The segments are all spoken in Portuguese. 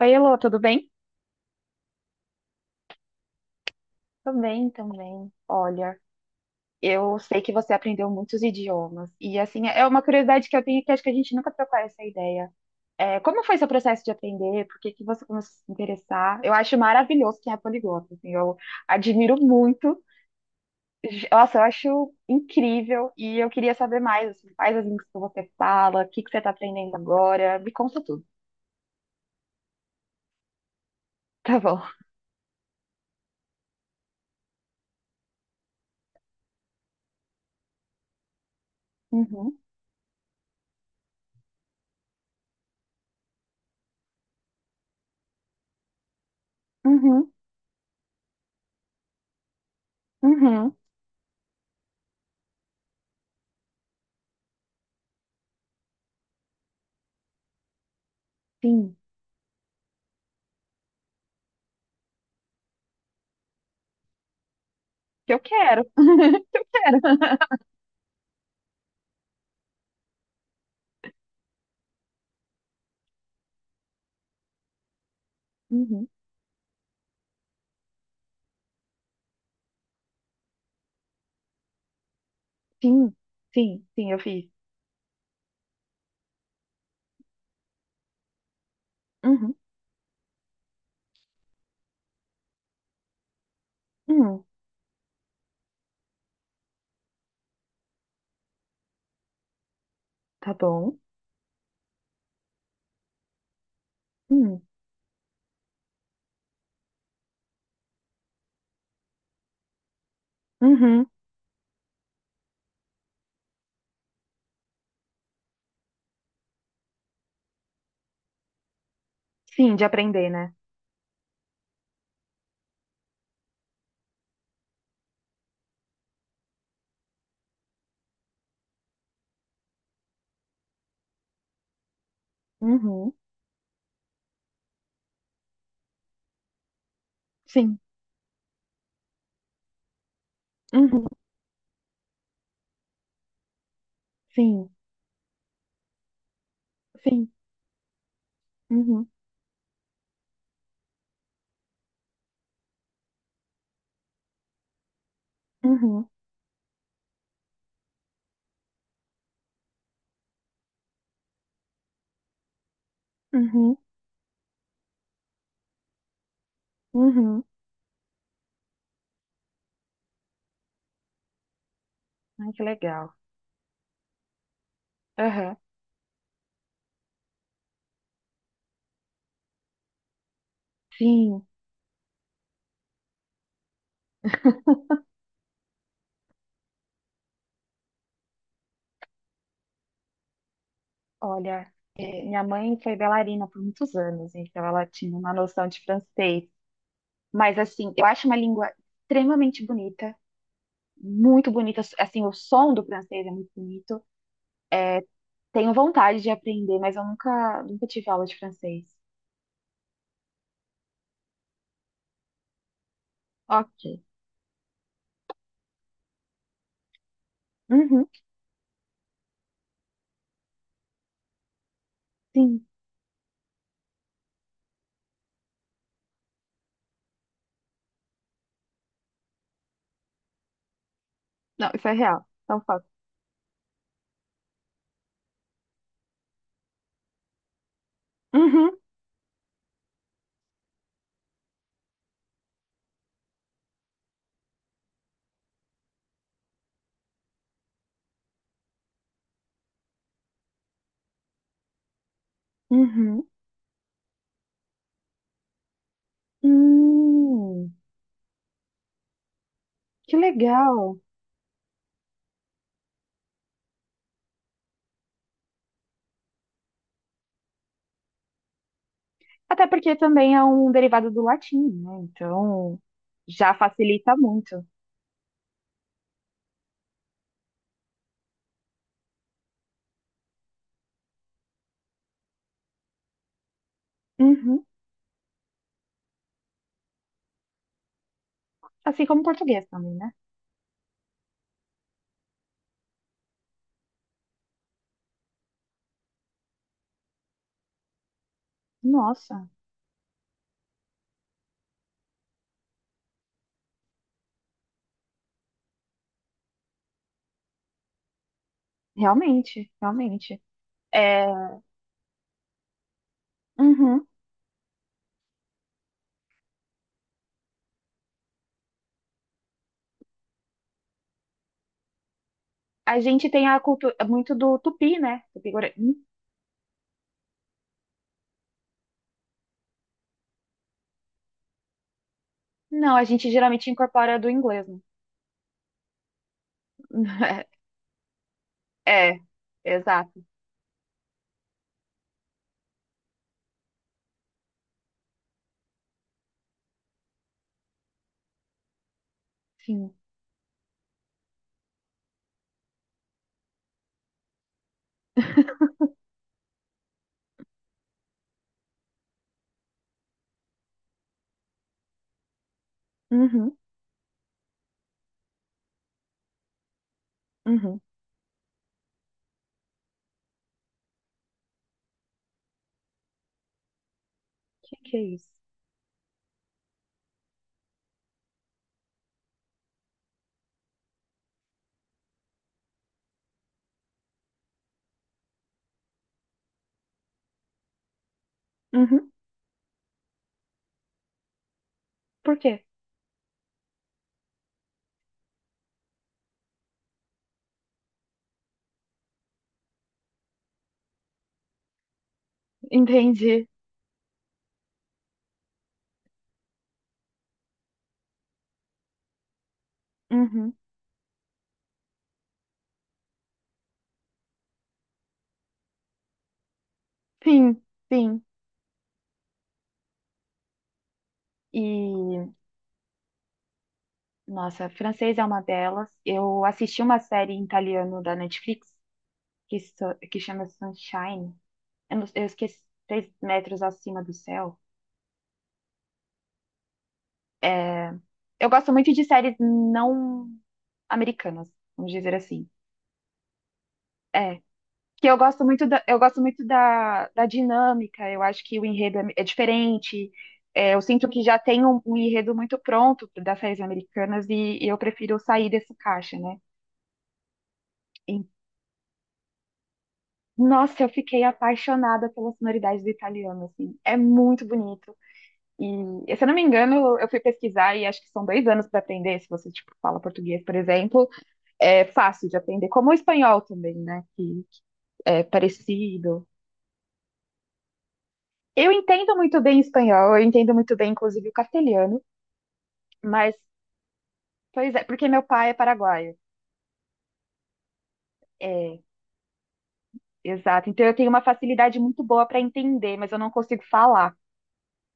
Oi, Elô, tudo bem? Tô bem também. Olha, eu sei que você aprendeu muitos idiomas. E assim, é uma curiosidade que eu tenho que acho que a gente nunca trocou essa ideia. É, como foi seu processo de aprender? Por que que você começou a se interessar? Eu acho maravilhoso quem é poliglota, assim, eu admiro muito. Nossa, eu acho incrível. E eu queria saber mais, assim, quais as línguas que você fala, o que que você tá aprendendo agora. Me conta tudo. Tá bom. Uhum, uhum, uhum. Sim, eu quero. Quero. Uhum. Sim, sim, sim, eu fiz. Uhum, uhum, tá bom. Uhum, uhum, sim, de aprender, né? Uhum, sim, uhum, sim, sim, uhum, uhum, uhum, uhum. Ai, que legal. Aham, sim. Olha, minha mãe foi bailarina por muitos anos, então ela tinha uma noção de francês. Mas, assim, eu acho uma língua extremamente bonita, muito bonita. Assim, o som do francês é muito bonito. Tenho vontade de aprender, mas eu nunca, nunca tive aula de francês. Ok. Uhum, sim. Não, isso é real. Então, fato. Uhum, uhum. Hum, que legal. Até porque também é um derivado do latim, né? Então, já facilita muito. Uhum. Assim como português também, né? Nossa, realmente, realmente. É, uhum. A gente tem a cultura muito do tupi, né? Tupi-guarani. Não, a gente geralmente incorpora do inglês, né? É, exato. Sim. Uhum, uhum. Que é isso? Uhum. Por quê? Entendi. Uhum. Sim, sim. E, nossa, francês é uma delas. Eu assisti uma série em italiano da Netflix que chama Sunshine. Eu, não- eu esqueci, Três Metros Acima do Céu. Eu gosto muito de séries não americanas, vamos dizer assim. É, que eu gosto muito da, da dinâmica, eu acho que o enredo é diferente. É, eu sinto que já tem um enredo muito pronto das séries americanas e eu prefiro sair desse caixa, né? E, nossa, eu fiquei apaixonada pela sonoridade do italiano, assim, é muito bonito. E, se eu não me engano, eu fui pesquisar e acho que são 2 anos para aprender, se você, tipo, fala português, por exemplo, é fácil de aprender, como o espanhol também, né, que é parecido. Eu entendo muito bem espanhol, eu entendo muito bem, inclusive, o castelhano, mas, pois é, porque meu pai é paraguaio. É, exato. Então eu tenho uma facilidade muito boa para entender, mas eu não consigo falar.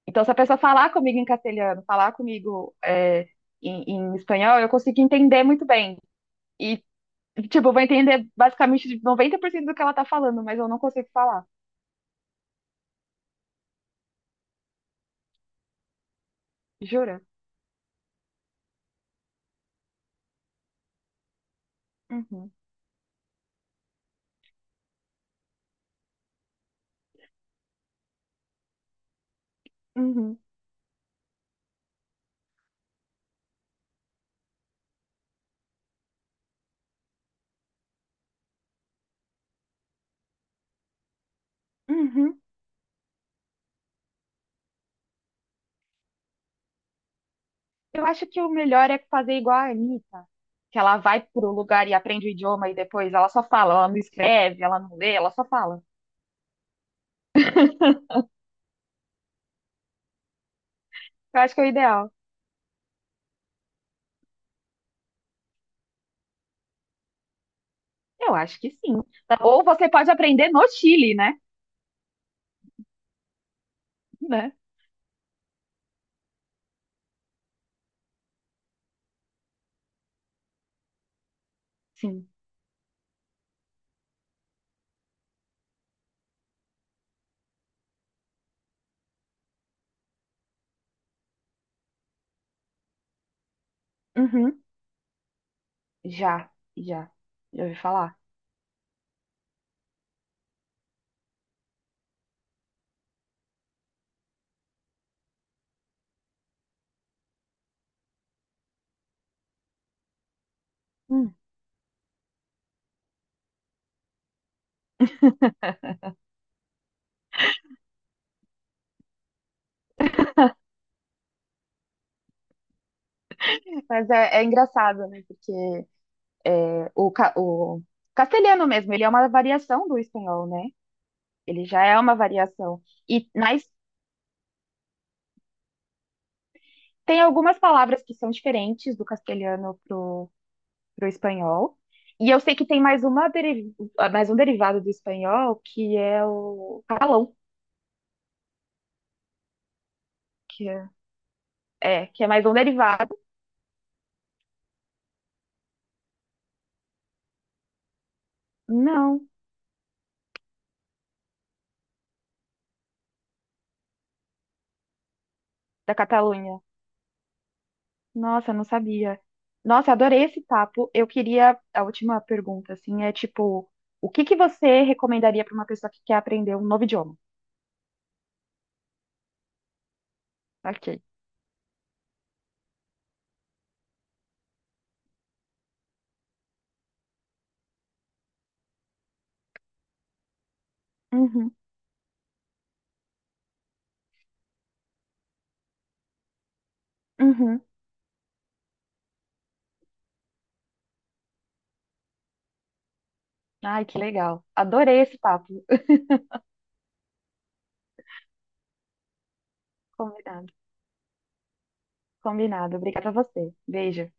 Então, se a pessoa falar comigo em castelhano, falar comigo é, em espanhol, eu consigo entender muito bem. E, tipo, eu vou entender basicamente 90% do que ela tá falando, mas eu não consigo falar. Jura? Uhum, uhum, uhum. Eu acho que o melhor é fazer igual a Anitta, que ela vai pro lugar e aprende o idioma e depois ela só fala, ela não escreve, ela não lê, ela só fala. Eu acho que é o ideal. Eu acho que sim. Ou você pode aprender no Chile, né? Né? Sim. Uhum. Já, já. Já ouvi falar. Hum. Mas é engraçado, né? Porque é, o castelhano mesmo, ele é uma variação do espanhol, né? Ele já é uma variação. E mas tem algumas palavras que são diferentes do castelhano para o espanhol. E eu sei que tem mais um derivado do espanhol, que é o catalão, que é, que é mais um derivado. Não, da Catalunha. Nossa, eu não sabia. Nossa, eu adorei esse papo. Eu queria a última pergunta, assim, é tipo, o que que você recomendaria para uma pessoa que quer aprender um novo idioma? Ok. Uhum, uhum. Ai, que legal. Adorei esse papo. Combinado. Combinado. Obrigada a você. Beijo.